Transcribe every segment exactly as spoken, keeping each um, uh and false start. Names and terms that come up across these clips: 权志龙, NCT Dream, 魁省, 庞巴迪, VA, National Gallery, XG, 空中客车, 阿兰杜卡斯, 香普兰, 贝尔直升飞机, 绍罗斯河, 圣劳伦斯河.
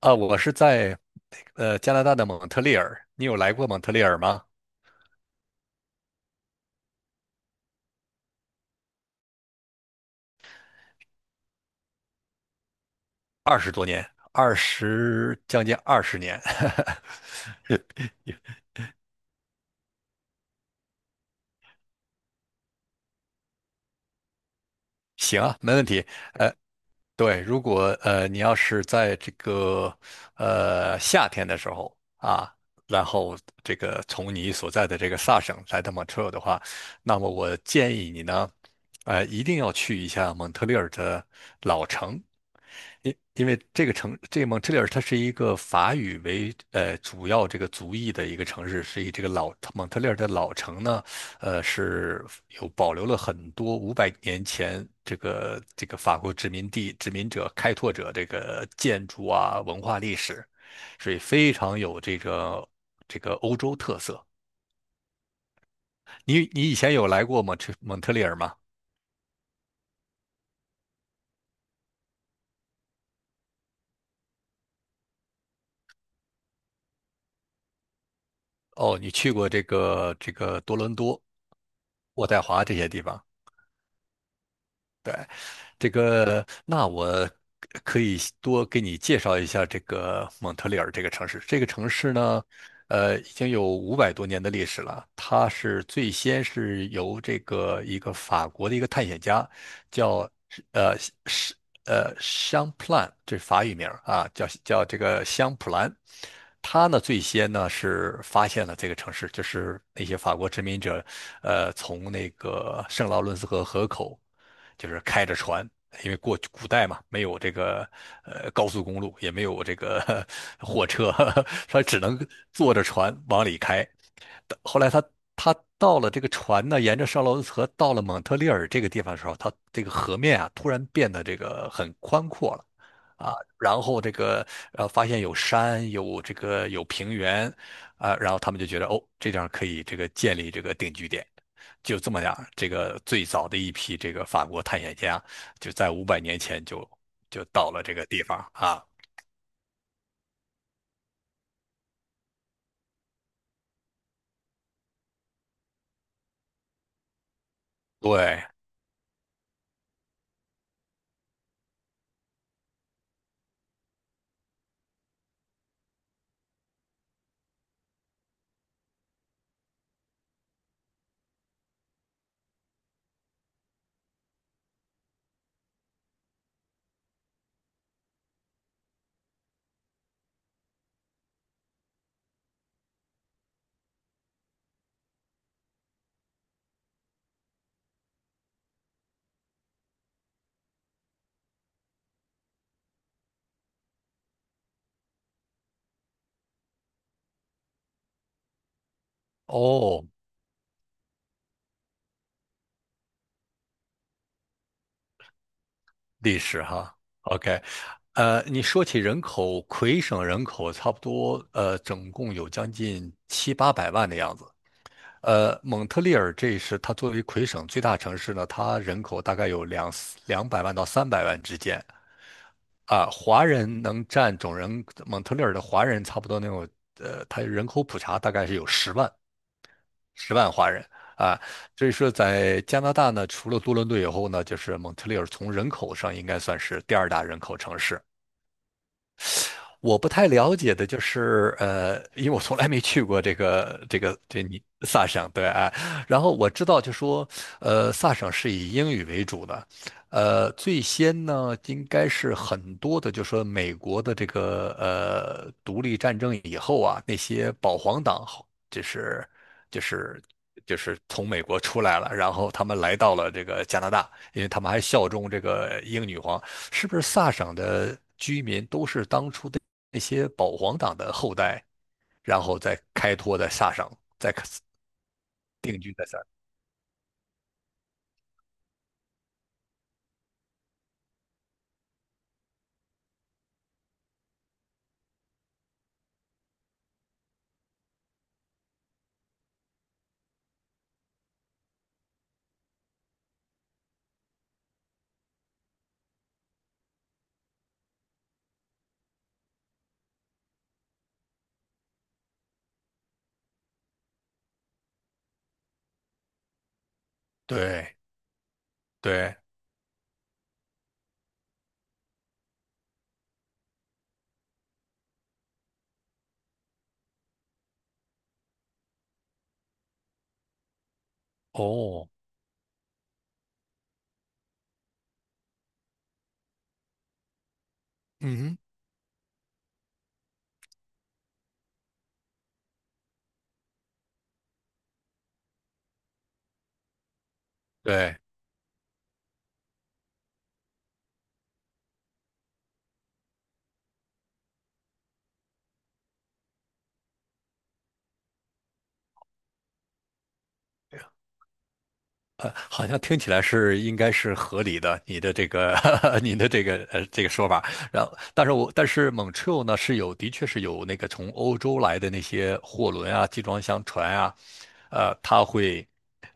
啊，我是在呃加拿大的蒙特利尔，你有来过蒙特利尔吗？二十多年，二十将近二十年，行啊，没问题。对，如果呃你要是在这个呃夏天的时候啊，然后这个从你所在的这个萨省来到蒙特利尔的话，那么我建议你呢，呃一定要去一下蒙特利尔的老城。因因为这个城，这个蒙特利尔，它是一个法语为呃主要这个族裔的一个城市，所以这个老蒙特利尔的老城呢，呃是有保留了很多五百年前这个这个法国殖民地殖民者开拓者这个建筑啊文化历史，所以非常有这个这个欧洲特色。你你以前有来过蒙特蒙特利尔吗？哦，你去过这个这个多伦多、渥太华这些地方。这个，那我可以多给你介绍一下这个蒙特利尔这个城市。这个城市呢，呃，已经有五百多年的历史了。它是最先是由这个一个法国的一个探险家，叫呃是呃香普兰，这是法语名儿啊，叫叫这个香普兰。他呢最先呢是发现了这个城市，就是那些法国殖民者，呃，从那个圣劳伦斯河河口，就是开着船。因为过古代嘛，没有这个呃高速公路，也没有这个呵 火车，他只能坐着船往里开。后来他他到了这个船呢，沿着绍罗斯河到了蒙特利尔这个地方的时候，它这个河面啊突然变得这个很宽阔了，啊，然后这个呃发现有山，有这个有平原，啊，然后他们就觉得哦，这地方可以这个建立这个定居点，就这么样，这个最早的一批这个法国探险家就在五百年前就就到了这个地方啊，对，哦，历史哈，OK，呃，你说起人口，魁省人口差不多，呃，总共有将近七八百万的样子。呃，蒙特利尔这是它作为魁省最大城市呢，它人口大概有两两百万到三百万之间啊。华人能占总人，蒙特利尔的华人差不多能有，呃，它人口普查大概是有十万，十万华人啊，所以说在加拿大呢，除了多伦多以后呢，就是蒙特利尔从人口上应该算是第二大人口城市。我不太了解的就是，呃，因为我从来没去过这个这个这你萨省，对啊。然后我知道就说，呃，萨省是以英语为主的，呃，最先呢应该是很多的，就说美国的这个呃独立战争以后啊，那些保皇党后就是就是就是从美国出来了，然后他们来到了这个加拿大，因为他们还效忠这个英女皇。是不是萨省的居民都是当初的那些保皇党的后代，然后再开拓在萨省，再定居在萨。对对，哦，嗯哼对，好像听起来是应该是合理的，你的这个 你的这个呃这个说法。然后，但是我但是 m o n t 呢是有的确是有那个从欧洲来的那些货轮啊、集装箱船啊，呃，它会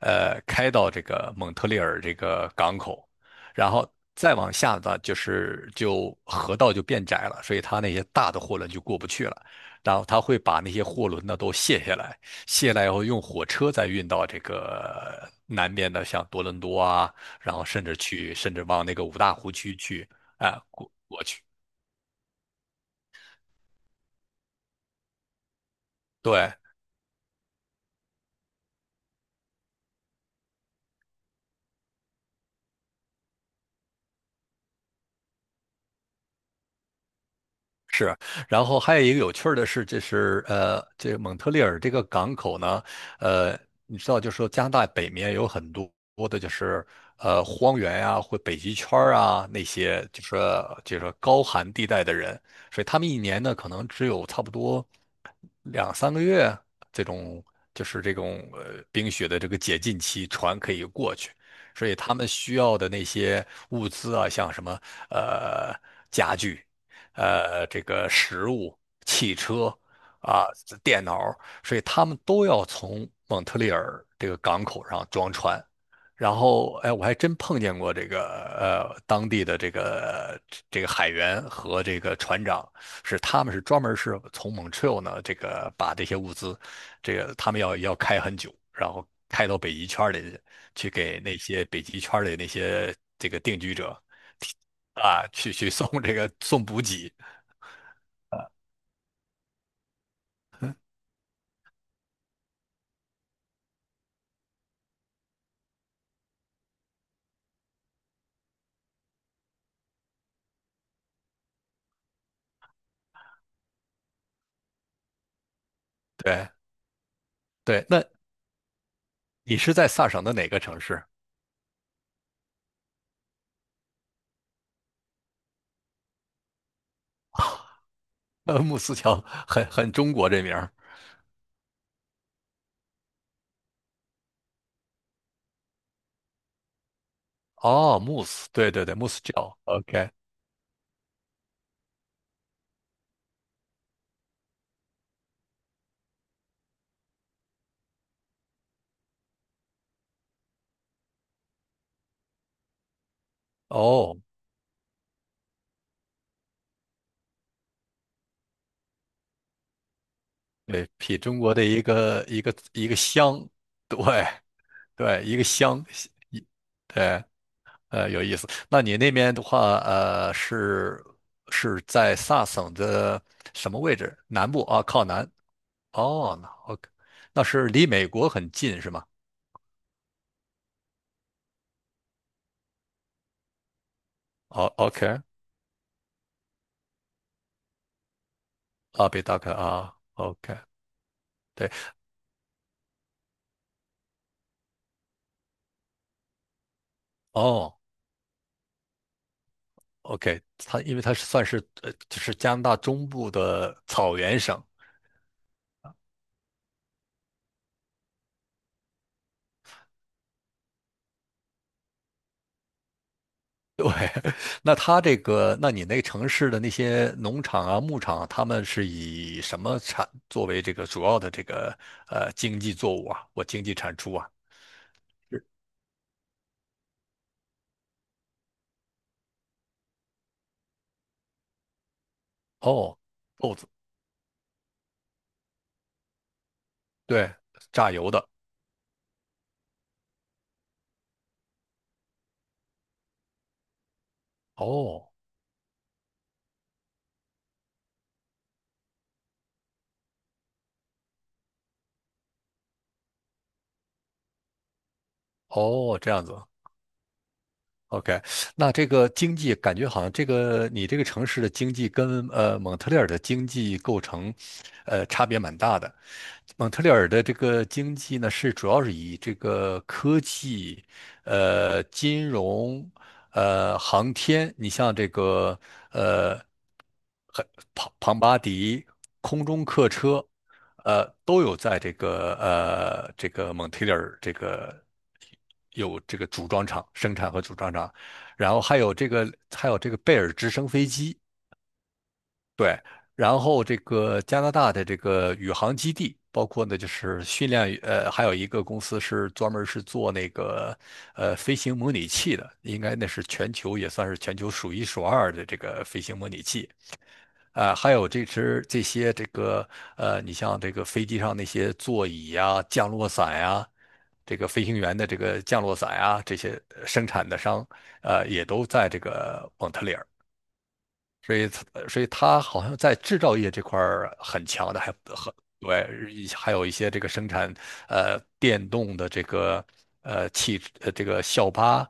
呃开到这个蒙特利尔这个港口，然后再往下呢就是就河道就变窄了，所以它那些大的货轮就过不去了，然后它会把那些货轮呢都卸下来。卸了以后用火车再运到这个南边的像多伦多啊，然后甚至去，甚至往那个五大湖区去，啊、过过去。对，然后还有一个有趣儿的是，这是呃，这个蒙特利尔这个港口呢，呃，你知道，就是说加拿大北面有很多多的，就是呃荒原呀、或北极圈儿啊那些，就是就是说高寒地带的人，所以他们一年呢，可能只有差不多两三个月这种，就是这种呃冰雪的这个解禁期，船可以过去，所以他们需要的那些物资啊，像什么呃家具，呃这个食物、汽车啊、电脑，所以他们都要从蒙特利尔这个港口上装船。然后，哎，我还真碰见过这个呃当地的这个这个海员和这个船长，是他们是专门是从蒙特 r 呢，这个把这些物资，这个他们要要开很久，然后开到北极圈里去给那些北极圈里那些这个定居者啊，去去送这个送补给。嗯对对，那你是在萨省的哪个城市？呃，慕斯桥很很中国这名儿。哦，慕斯，对对对，慕斯桥，OK，哦，对，比中国的一个一个一个乡，对对，一个乡，一对，呃，有意思。那你那边的话，呃，是是在萨省的什么位置？南部啊，靠南。哦，那 OK，那是离美国很近是吗？哦，OK，啊，北达科啊，OK。对。哦，OK，它因为它是算是呃，就是加拿大中部的草原省。对，那它这个，那你那个城市的那些农场啊、牧场啊，他们是以什么产作为这个主要的这个呃经济作物啊？我经济产出啊？哦，豆子，对，榨油的。哦，哦，这样子。OK，那这个经济感觉好像这个你这个城市的经济跟呃蒙特利尔的经济构成，呃差别蛮大的。蒙特利尔的这个经济呢，是主要是以这个科技、呃金融、呃航天，你像这个呃很庞庞巴迪空中客车，呃都有在这个呃这个蒙特利尔这个有这个组装厂生产和组装厂，然后还有这个还有这个贝尔直升飞机。对，然后这个加拿大的这个宇航基地，包括呢就是训练，呃，还有一个公司是专门是做那个呃飞行模拟器的，应该那是全球也算是全球数一数二的这个飞行模拟器。啊、还有这只这些这个呃，你像这个飞机上那些座椅呀、降落伞呀、这个飞行员的这个降落伞呀、这些呃生产的商，呃，也都在这个蒙特利尔。所以它所以它好像在制造业这块儿很强的，还很对，一还有一些这个生产呃电动的这个呃汽呃这个校巴，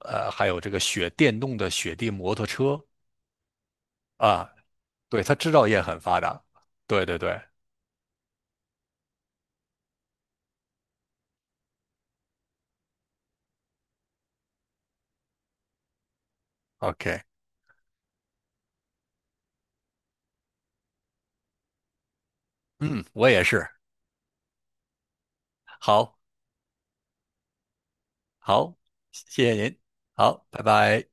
呃还有这个雪电动的雪地摩托车啊，对，它制造业很发达，对对对，OK，嗯，我也是，好，好，谢谢您，好，拜拜。